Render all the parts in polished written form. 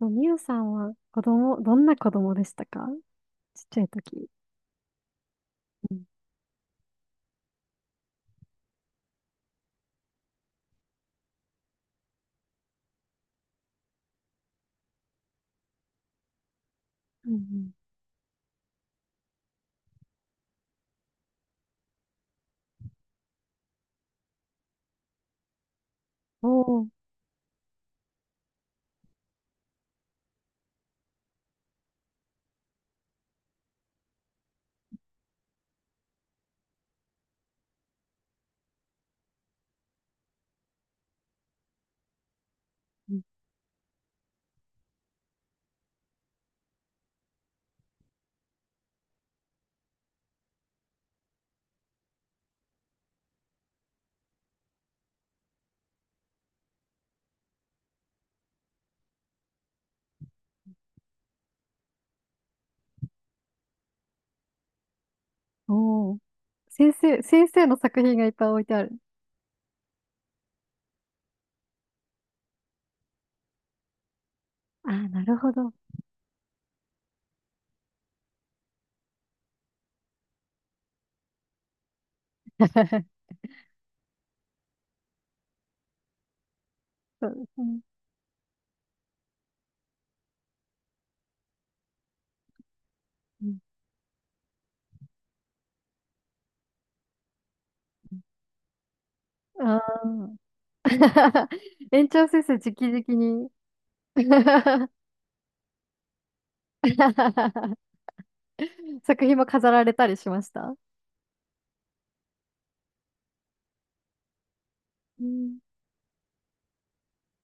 そうみゆさんは子供、どんな子供でしたか？ちっちゃい時。うん。うんうん。おー、うんおー。先生、先生の作品がいっぱい置いてある。ああ、なるほど。そうですね。うんああ。園長先生、直々に 作品も飾られたりしました？うん、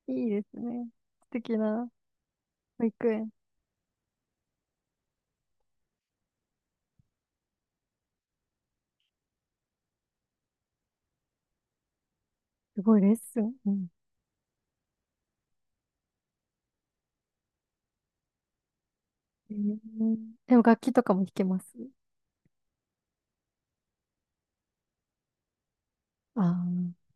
いいですね。素敵な保育園。すごいレッスン。うん、うんでも楽器とかも弾けます？ああ。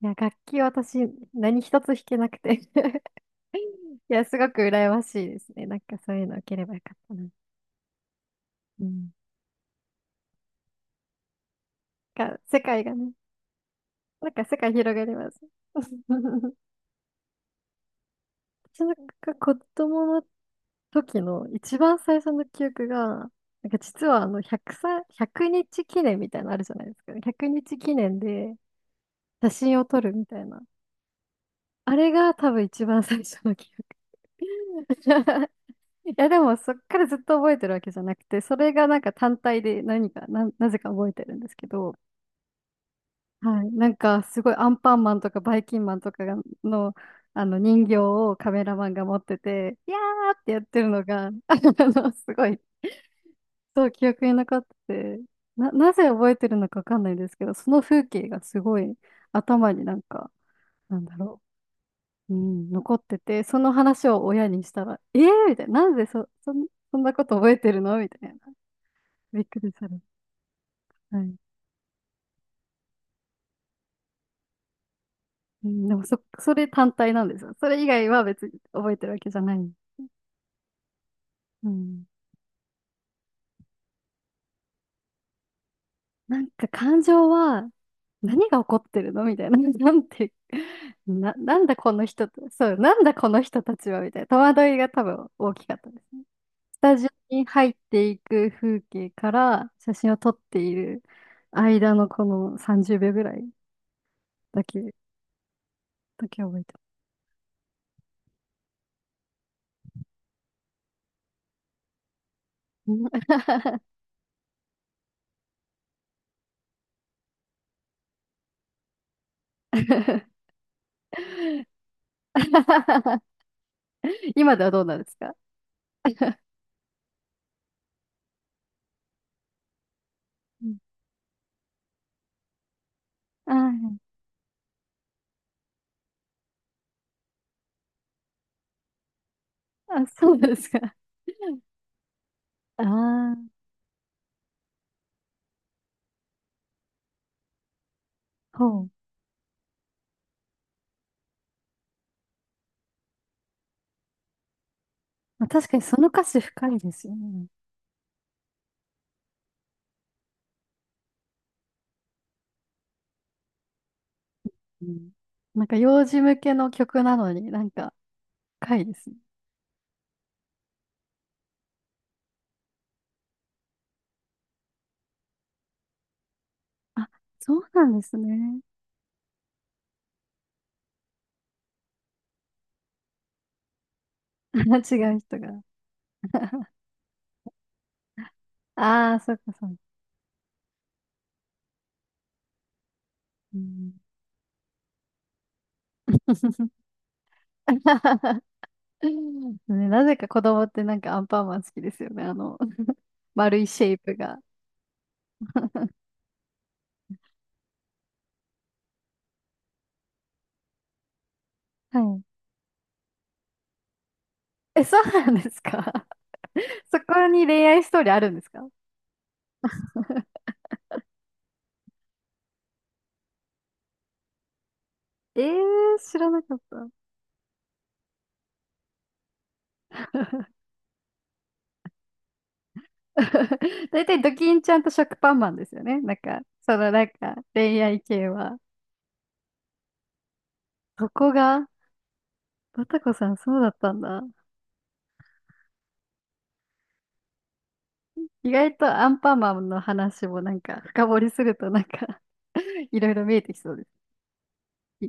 いや、楽器私、何一つ弾けなくて いや、すごく羨ましいですね。なんかそういうの受ければよかったな。うん。が、世界がね、なんか世界広がります。私なんか子供の時の一番最初の記憶が、なんか実はあの100歳、1日記念みたいなのあるじゃないですか。100日記念で写真を撮るみたいな。あれが多分一番最初の記憶。いやでもそっからずっと覚えてるわけじゃなくて、それがなんか単体で何か、なぜか覚えてるんですけど、はい。なんかすごいアンパンマンとかバイキンマンとかがの、あの人形をカメラマンが持ってて、いやーってやってるのが、あの、すごい、そう記憶に残ってて、なぜ覚えてるのかわかんないですけど、その風景がすごい頭になんか、なんだろう、うん、残ってて、その話を親にしたら、えーみたいな、なんでそ、そんなこと覚えてるのみたいな。びっくりする。はい。うん、でもそれ単体なんですよ。それ以外は別に覚えてるわけじゃない。うん。なんか感情は何が起こってるのみたいな。なんて、なんだこの人と、そう、なんだこの人たちはみたいな。戸惑いが多分大きかったですね。スタジオに入っていく風景から写真を撮っている間のこの30秒ぐらいだけ、だけ覚えてます。今ではどうなんですか？うんあーあ、そうですか。ああ、ほう。まあ確かにその歌詞深いですよね。うん。なんか幼児向けの曲なのになんか深いですね。あ、そうなんですね。違う人が。ああ、そっかそっか。うん ね、なぜか子供ってなんかアンパンマン好きですよね。あの、丸いシェイプが。はい。え、そうなんですか？ そこに恋愛ストーリーあるんですか？ えー、知らなかった。大体ドキンちゃんと食パンマンですよね。なんか、そのなんか恋愛系は。そこが、バタコさんそうだったんだ。意外とアンパンマンの話もなんか深掘りするとなんか いろいろ見えてきそうです。い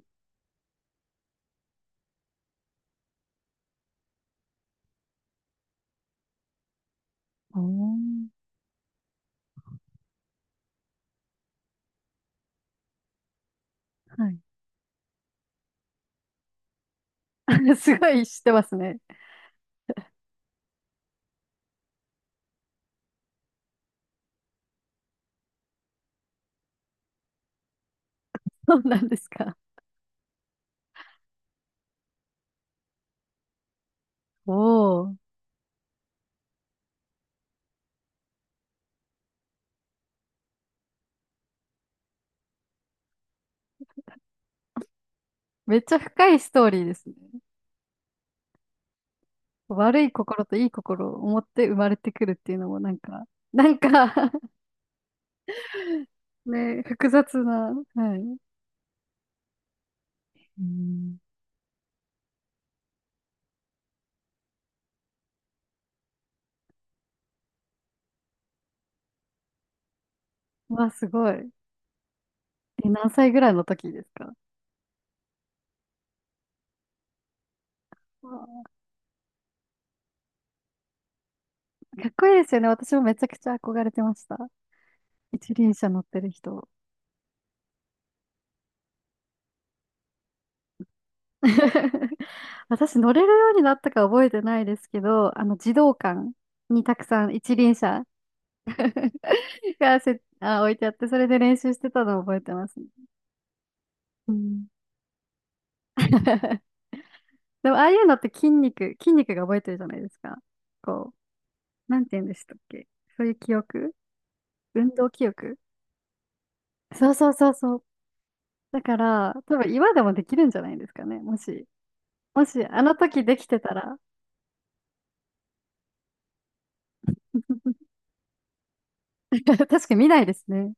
おーはい。すごい知ってますね。そうなんですか。おお、めっちゃ深いストーリーですね。悪い心といい心を持って生まれてくるっていうのもなんか、なんか ね、複雑な、はい。うんわあ、すごい。え、何歳ぐらいの時ですか？わあかっこいいですよね。私もめちゃくちゃ憧れてました。一輪車乗ってる人。私乗れるようになったか覚えてないですけど、あの、児童館にたくさん一輪車 がせ、あ、置いてあって、それで練習してたのを覚えてますね。うん でも、ああいうのって筋肉が覚えてるじゃないですか。こう、なんて言うんでしたっけ？そういう記憶、運動記憶。そうそうそうそう。だから、多分今でもできるんじゃないですかね。もし、もし、あの時できてたら。確かに見ないですね。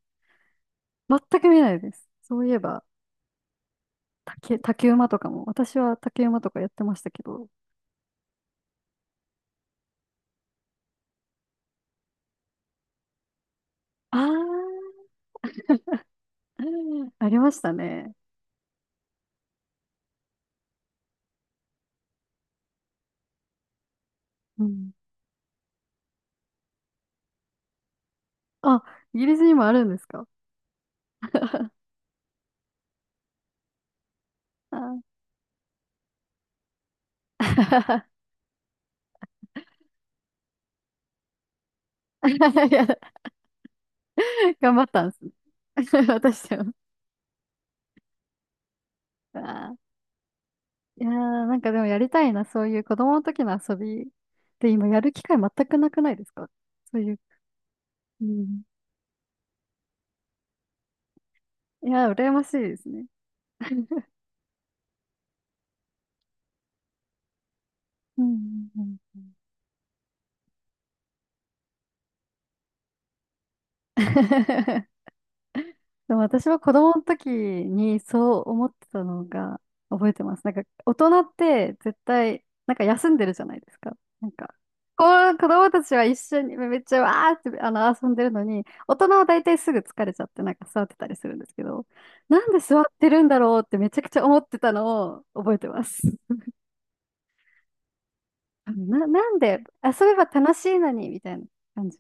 全く見ないです。そういえば、竹馬とかも、私は竹馬とかやってましたけど。ああ、うんありましたね。うん。あ、イギリスにもあるんですか？あー いや、頑張ったんですね。私は。あーいやー、なんかでもやりたいな、そういう子供の時の遊び。で、今やる機会全くなくないですか？そういう。うんいや、羨ましいですね。うんうんうん でも私は子供の時にそう思ってたのが覚えてます。なんか大人って絶対なんか休んでるじゃないですか。なんかこう子供たちは一緒にめっちゃわーってあの遊んでるのに大人は大体すぐ疲れちゃってなんか座ってたりするんですけどなんで座ってるんだろうってめちゃくちゃ思ってたのを覚えてます。なんで遊べば楽しいのにみたいな感じ。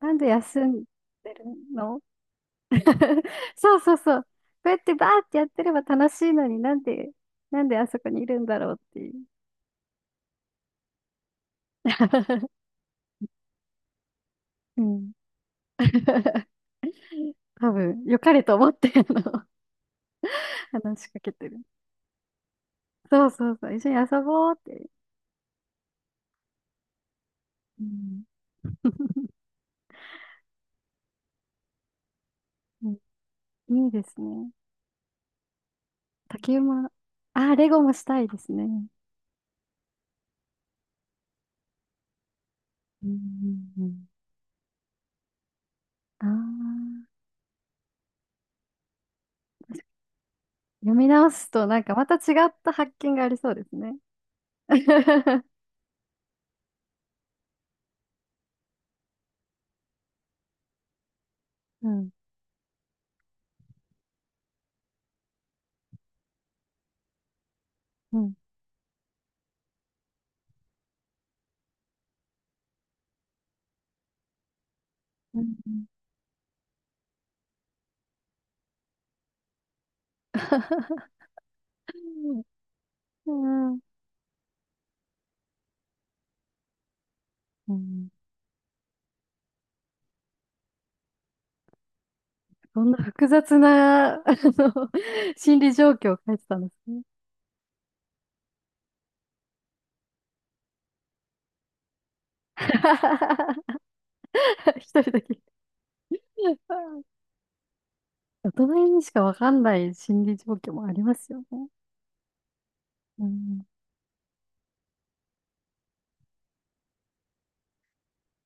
なんで休んでるの？ そうそうそう。こうやってバーってやってれば楽しいのになんで、なんであそこにいるんだろうっていう。うん。多分、良かれと思って、あの、話しかけてる。そうそうそう。一緒に遊ぼうって。うん。うんいいですね。竹馬。あレゴもしたいですね。うんうんうん。ああ、読み直すとなんかまた違った発見がありそうですね。うん。うん。うんうんうん、うんそんな複雑な、あの、心理状況を書いてたんですね。一人だけ。大人にしかわかんない心理状況もありますよね。うん